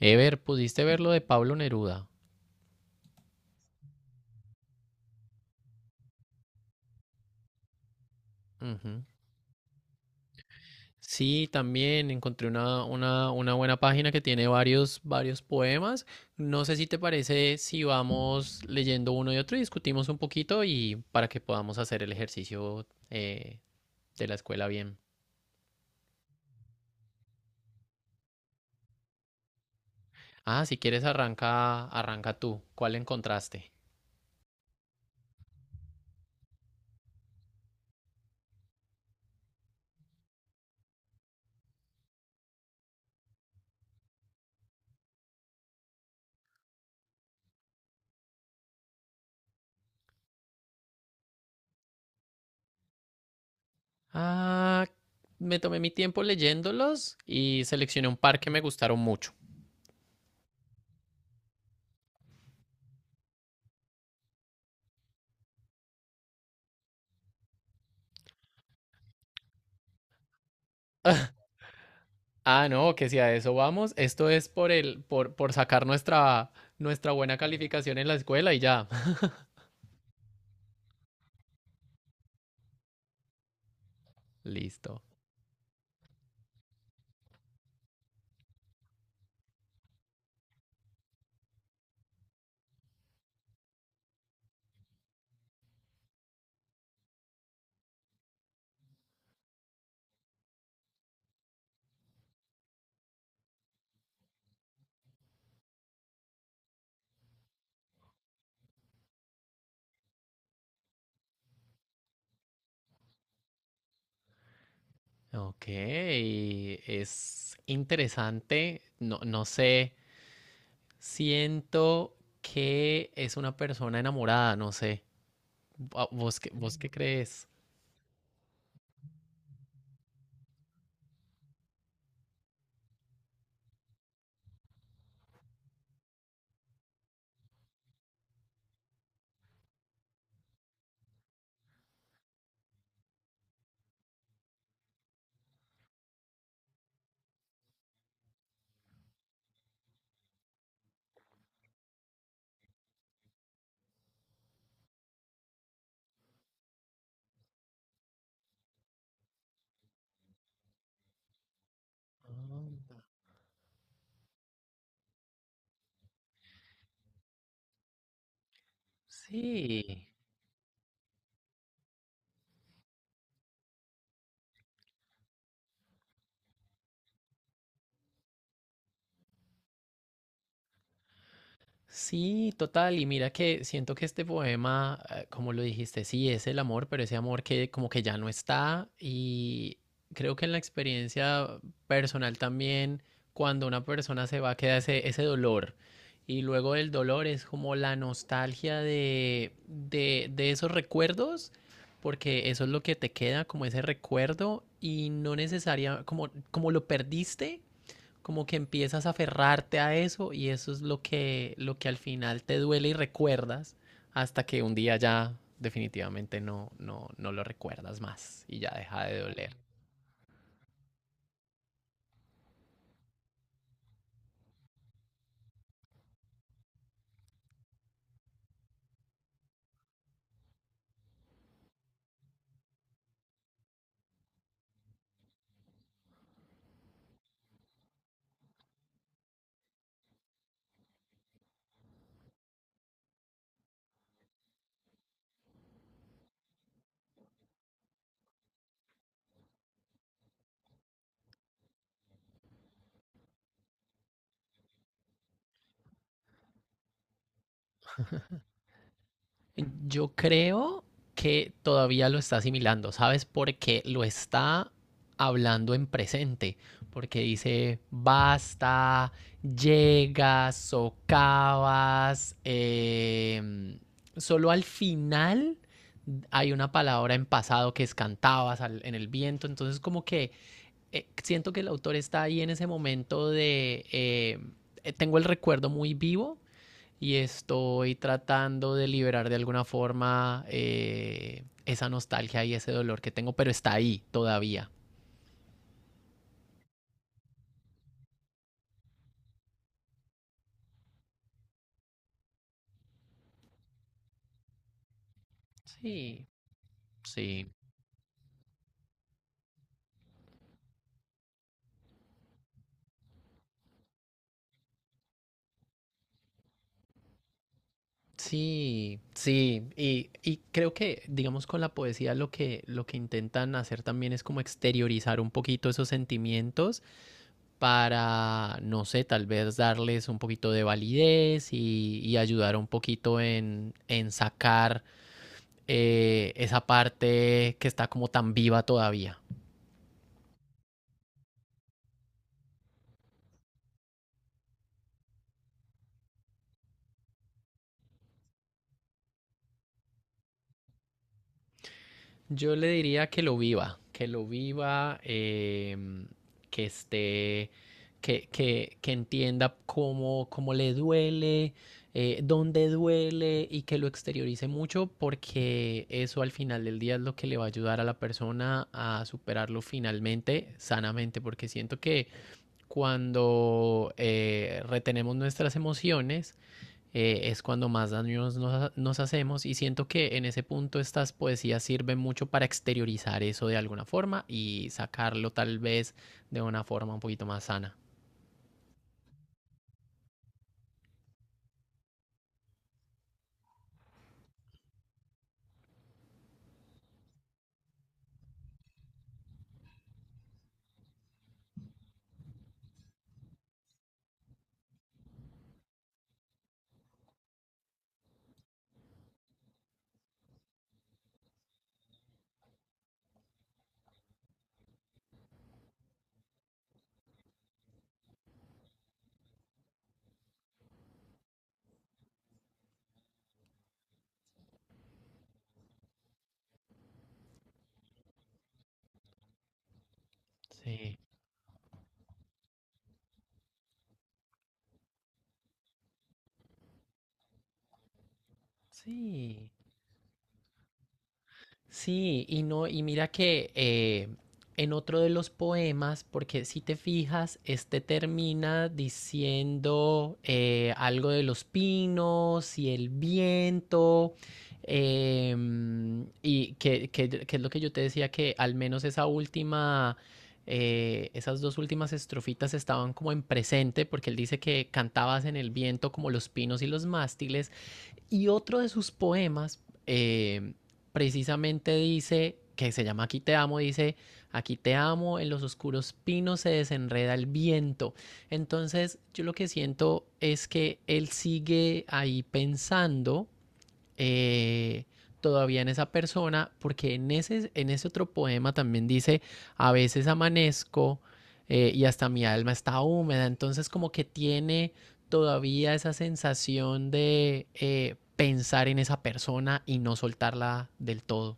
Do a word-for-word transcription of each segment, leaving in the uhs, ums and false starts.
Ever, ¿pudiste ver lo de Pablo Neruda? Ujú. Sí, también encontré una, una, una buena página que tiene varios, varios poemas. No sé si te parece si vamos leyendo uno y otro y discutimos un poquito y para que podamos hacer el ejercicio eh, de la escuela bien. Ah, si quieres arranca, arranca tú. ¿Cuál encontraste? Ah, Me tomé mi tiempo leyéndolos y seleccioné un par que me gustaron mucho. Ah, no, que si a eso vamos, esto es por el, por, por sacar nuestra, nuestra buena calificación en la escuela y ya. Listo. Ok, es interesante. No, no sé, siento que es una persona enamorada, no sé. ¿Vo- ¿Vos qué, vos qué crees? Ah, sí. Sí, total. Y mira que siento que este poema, eh, como lo dijiste, sí es el amor, pero ese amor que como que ya no está. Y creo que en la experiencia personal también, cuando una persona se va, queda ese, ese dolor. Y luego del dolor es como la nostalgia de, de, de esos recuerdos, porque eso es lo que te queda, como ese recuerdo, y no necesaria, como, como lo perdiste como que empiezas a aferrarte a eso y eso es lo que, lo que al final te duele y recuerdas hasta que un día ya definitivamente no, no, no lo recuerdas más y ya deja de doler. Yo creo que todavía lo está asimilando, ¿sabes? Porque lo está hablando en presente, porque dice basta, llegas, socavas, em, solo al final hay una palabra en pasado que es cantabas al- en el viento, entonces como que eh, siento que el autor está ahí en ese momento de, eh, eh, tengo el recuerdo muy vivo y estoy tratando de liberar de alguna forma eh, esa nostalgia y ese dolor que tengo, pero está ahí todavía. Sí, sí, sí, sí. Y, y creo que, digamos, con la poesía lo que, lo que intentan hacer también es como exteriorizar un poquito esos sentimientos para, no sé, tal vez darles un poquito de validez y, y ayudar un poquito en, en sacar eh, esa parte que está como tan viva todavía. Yo le diría que lo viva, que lo viva, em, que esté, que, que- que entienda cómo, cómo le duele, eh, dónde duele y que lo exteriorice mucho porque eso al final del día es lo que le va a ayudar a la persona a superarlo finalmente, sanamente, porque siento que cuando eh, retenemos nuestras emociones, eh, es cuando más daños nos, nos, hacemos y siento que en ese punto estas poesías sirven mucho para exteriorizar eso de alguna forma y sacarlo tal vez de una forma un poquito más sana. Sí, sí. Sí, y no, y mira que eh, en otro de los poemas, porque si te fijas, este termina diciendo eh, algo de los pinos y el viento, em, y que, que- que es lo que yo te decía, que al menos esa última, eh, esas dos últimas estrofitas estaban como en presente, porque él dice que cantabas en el viento como los pinos y los mástiles. Y otro de sus poemas eh, precisamente dice, que se llama Aquí te amo, dice, aquí te amo, en los oscuros pinos se desenreda el viento. Entonces yo lo que siento es que él sigue ahí pensando eh, todavía en esa persona, porque en ese, en ese otro poema también dice, a veces amanezco eh, y hasta mi alma está húmeda, entonces como que tiene todavía esa sensación de eh, pensar en esa persona y no soltarla del todo.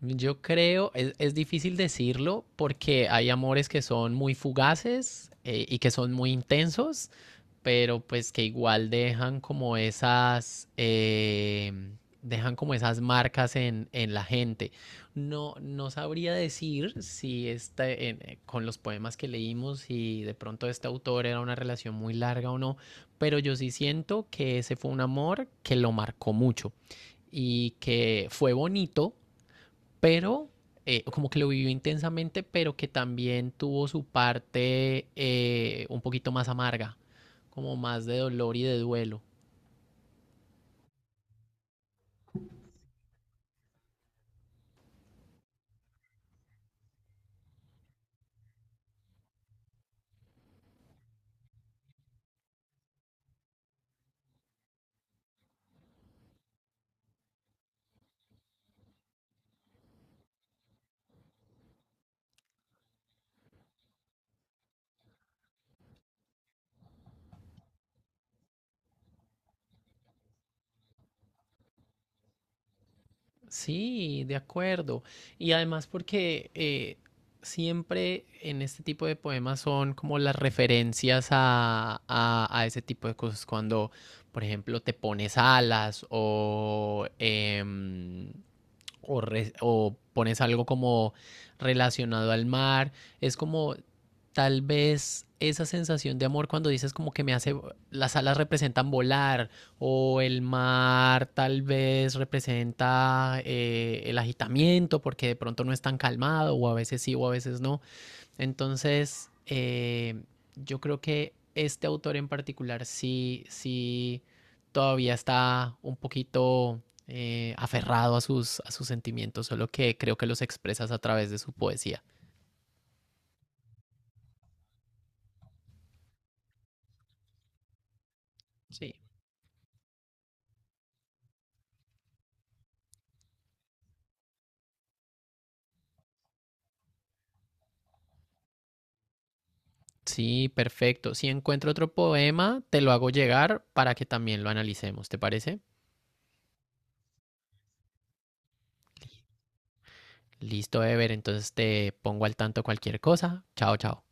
Yo creo, es, es difícil decirlo porque hay amores que son muy fugaces eh, y que son muy intensos, pero pues que igual dejan como esas, eh, dejan como esas marcas en, en la gente. No, no sabría decir si esta- en- eh, con los poemas que leímos, si de pronto este autor era una relación muy larga o no, pero yo sí siento que ese fue un amor que lo marcó mucho y que fue bonito pero eh, como que lo vivió intensamente, pero que también tuvo su parte eh, un poquito más amarga, como más de dolor y de duelo. Sí, de acuerdo. Y además porque eh, siempre en este tipo de poemas son como las referencias a, a- a ese tipo de cosas. Cuando, por ejemplo, te pones alas o em, o, re, o pones algo como relacionado al mar. Es como tal vez esa sensación de amor cuando dices como que me hace, las alas representan volar o el mar tal vez representa eh, el agitamiento porque de pronto no es tan calmado o a veces sí o a veces no. Entonces, eh, yo creo que este autor en particular sí, sí todavía está un poquito eh, aferrado a sus, a sus sentimientos, solo que creo que los expresas a través de su poesía. Sí. Sí, perfecto. Si encuentro otro poema, te lo hago llegar para que también lo analicemos, ¿te parece? Listo, Ever, entonces te pongo al tanto cualquier cosa. Chao, chao.